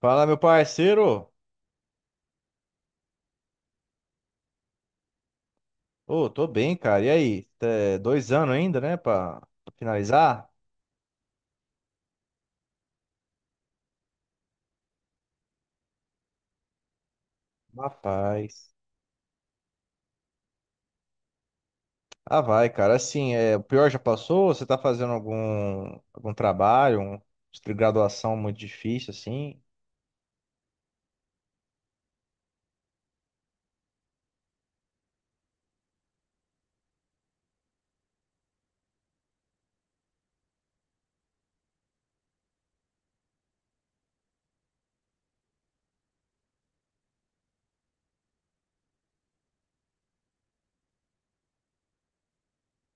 Fala, meu parceiro. Ô, tô bem, cara. E aí? Dois anos ainda, né, pra finalizar? Rapaz. Ah, vai, cara. Assim, é, o pior já passou? Você tá fazendo algum trabalho, de graduação muito difícil, assim?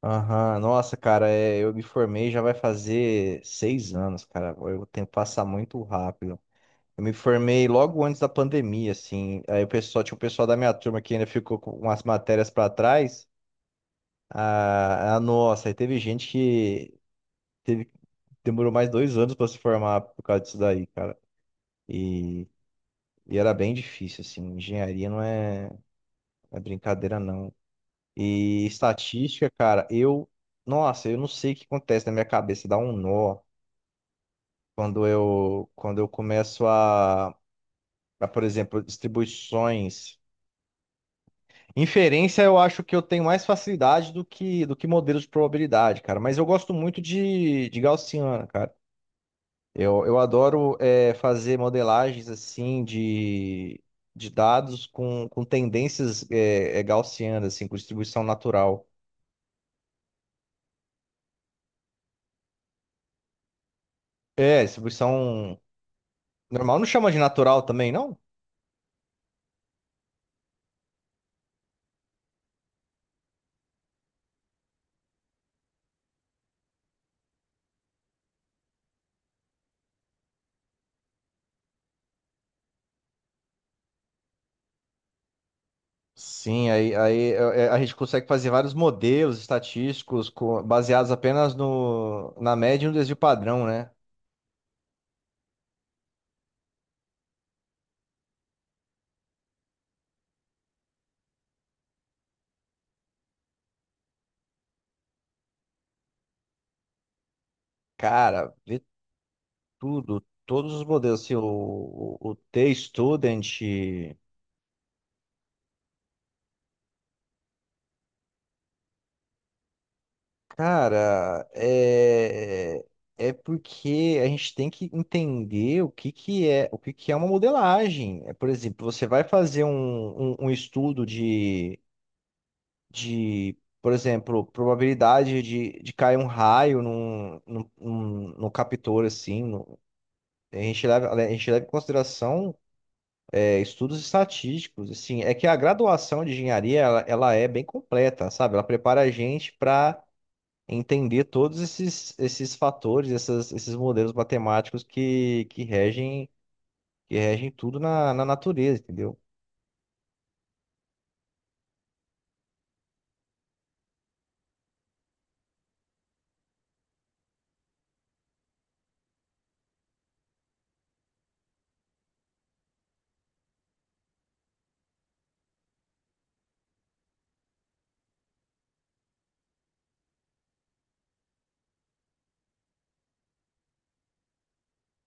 Aham. Nossa, cara, eu me formei já vai fazer seis anos, cara. O tempo passa muito rápido. Eu me formei logo antes da pandemia, assim. Aí o pessoal, tinha o pessoal da minha turma que ainda ficou com umas matérias pra trás. E teve gente que teve, demorou mais dois anos para se formar por causa disso daí, cara. E, e era bem difícil, assim. Engenharia é brincadeira, não. E estatística, cara, eu. Nossa, eu não sei o que acontece na minha cabeça, dá um nó quando eu começo a, por exemplo, distribuições. Inferência, eu acho que eu tenho mais facilidade do que modelos de probabilidade, cara. Mas eu gosto muito de Gaussiana, cara. Eu adoro fazer modelagens assim de dados com tendências gaussianas, assim, com distribuição natural. É, distribuição normal. Não chama de natural também, não? Sim, a gente consegue fazer vários modelos estatísticos baseados apenas no, na média e no desvio padrão, né? Cara, vê tudo, todos os modelos, assim, o T-Student. Cara, é porque a gente tem que entender o que que é uma modelagem. É, por exemplo, você vai fazer um estudo de por exemplo, probabilidade de cair um raio no captor, assim. A gente leva em consideração estudos estatísticos, assim. É que a graduação de engenharia, ela é bem completa, sabe? Ela prepara a gente para entender todos esses fatores, esses modelos matemáticos que regem tudo na, na natureza, entendeu?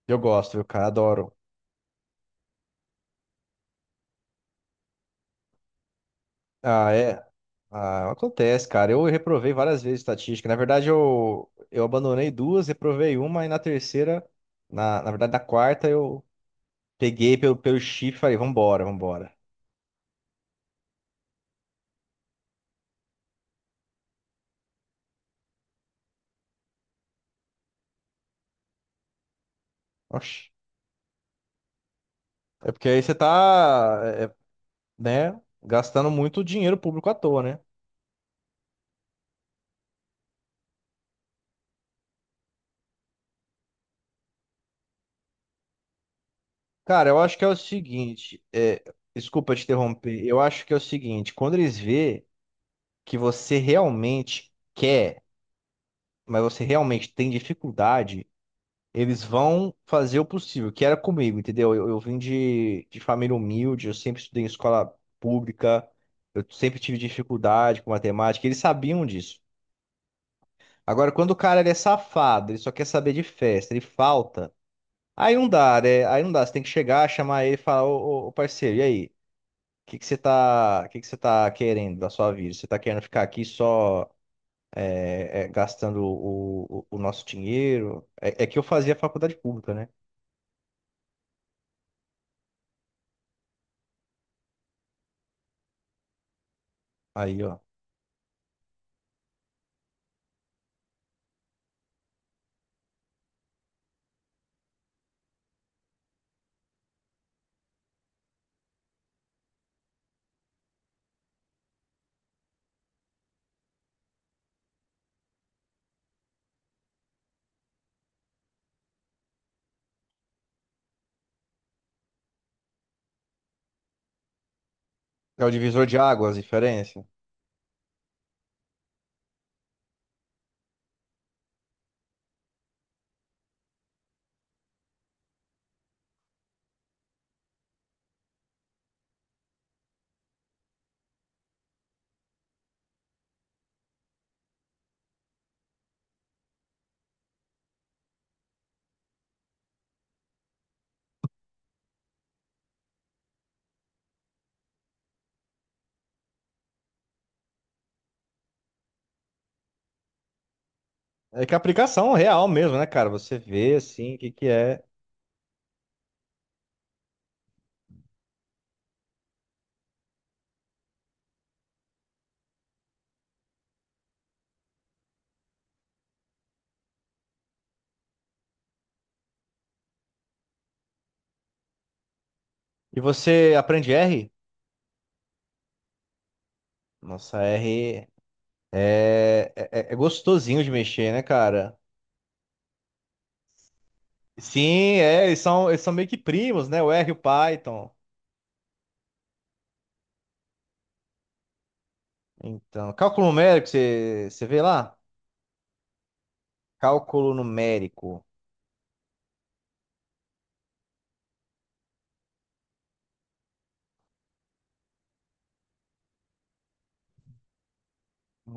Eu gosto, viu, cara? Adoro. Ah, é. Ah, acontece, cara. Eu reprovei várias vezes estatística. Na verdade, eu abandonei duas, reprovei uma, e na terceira, na quarta, eu peguei pelo chifre e falei, vambora, vambora. Oxi. É porque aí você tá, é, né, gastando muito dinheiro público à toa, né? Cara, eu acho que é o seguinte, é, desculpa te interromper, eu acho que é o seguinte, quando eles vê que você realmente quer, mas você realmente tem dificuldade, eles vão fazer o possível, que era comigo, entendeu? Eu vim de família humilde, eu sempre estudei em escola pública, eu sempre tive dificuldade com matemática, eles sabiam disso. Agora, quando o cara ele é safado, ele só quer saber de festa, ele falta, aí não dá, né? Aí não dá, você tem que chegar, chamar ele e falar, ô, parceiro, e aí? O que que você tá querendo da sua vida? Você tá querendo ficar aqui só gastando o nosso dinheiro? É que eu fazia faculdade pública, né? Aí, ó. É o divisor de águas, a diferença. É que a aplicação é real mesmo, né, cara? Você vê, assim, o que que é. E você aprende R? Nossa, R é, é, é é gostosinho de mexer, né, cara? Sim, é, eles são meio que primos, né? O R e o Python. Então, cálculo numérico, você vê lá? Cálculo numérico.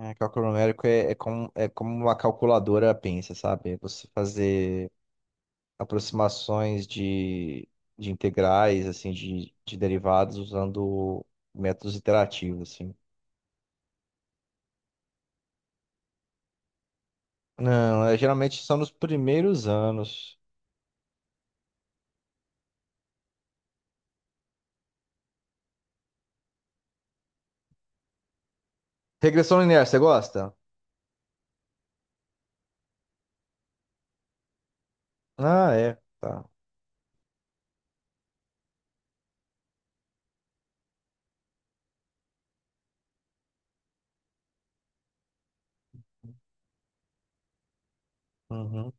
É, cálculo numérico é, é como uma calculadora pensa, sabe? É, você fazer aproximações de integrais, assim, de derivados usando métodos iterativos, assim. Não, é, geralmente são nos primeiros anos. Regressão linear, você gosta? Ah, é. Tá. Uhum.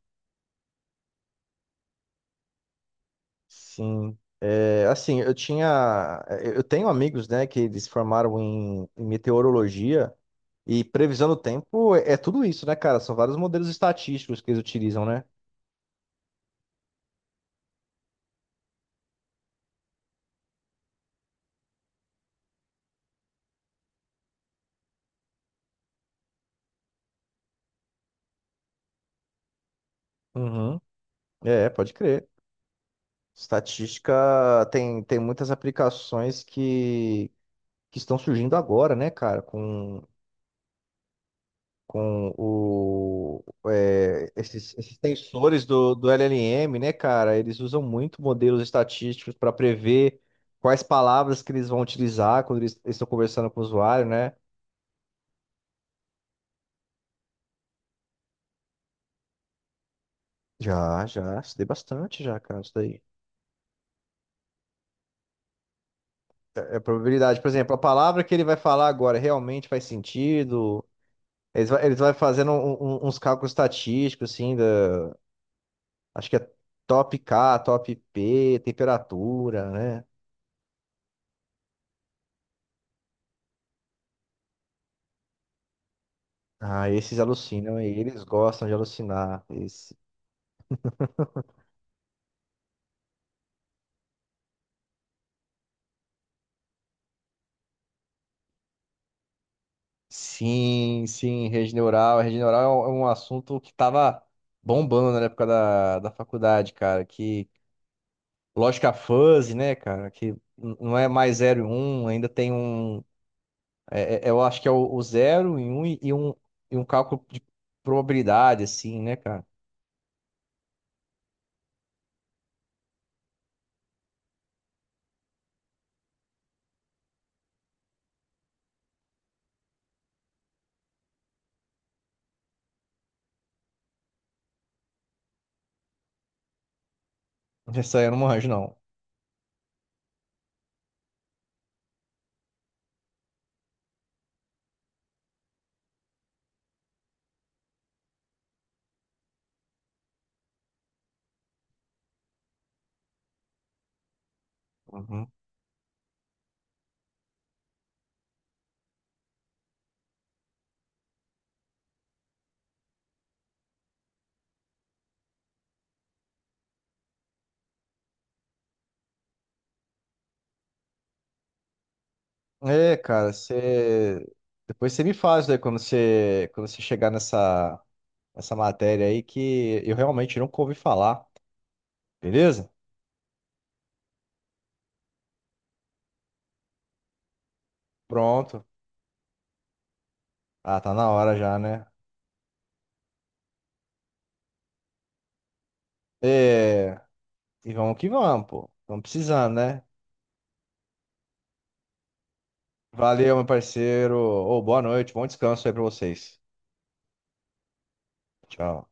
Sim. Eu tenho amigos, né, que eles formaram em meteorologia e previsão do tempo é tudo isso, né, cara? São vários modelos estatísticos que eles utilizam, né? Uhum. É, pode crer. Estatística tem muitas aplicações que estão surgindo agora, né, cara? Com esses tensores do LLM, né, cara? Eles usam muito modelos estatísticos para prever quais palavras que eles vão utilizar quando eles estão conversando com o usuário, né? Estudei bastante já, cara, isso daí. É a probabilidade, por exemplo, a palavra que ele vai falar agora realmente faz sentido? Eles vai fazendo uns cálculos estatísticos, assim, acho que é top K, top P, temperatura, né? Ah, esses alucinam, e eles gostam de alucinar. Esse- Sim, sim, rede neural. Rede neural é um assunto que tava bombando na época da faculdade, cara. Que lógica fuzzy, né, cara? Que não é mais zero e um. Ainda tem um. Eu acho que é o 0 e 1 e e um cálculo de probabilidade, assim, né, cara? Essa aí eu não manjo, não. Uhum. É, cara, você. Depois você me faz, né, quando você chegar nessa. Essa matéria aí que eu realmente nunca ouvi falar. Beleza? Pronto. Ah, tá na hora já, né? É, e vamos que vamos, pô. Estamos precisando, né? Valeu, meu parceiro. Ô, boa noite, bom descanso aí pra vocês. Tchau.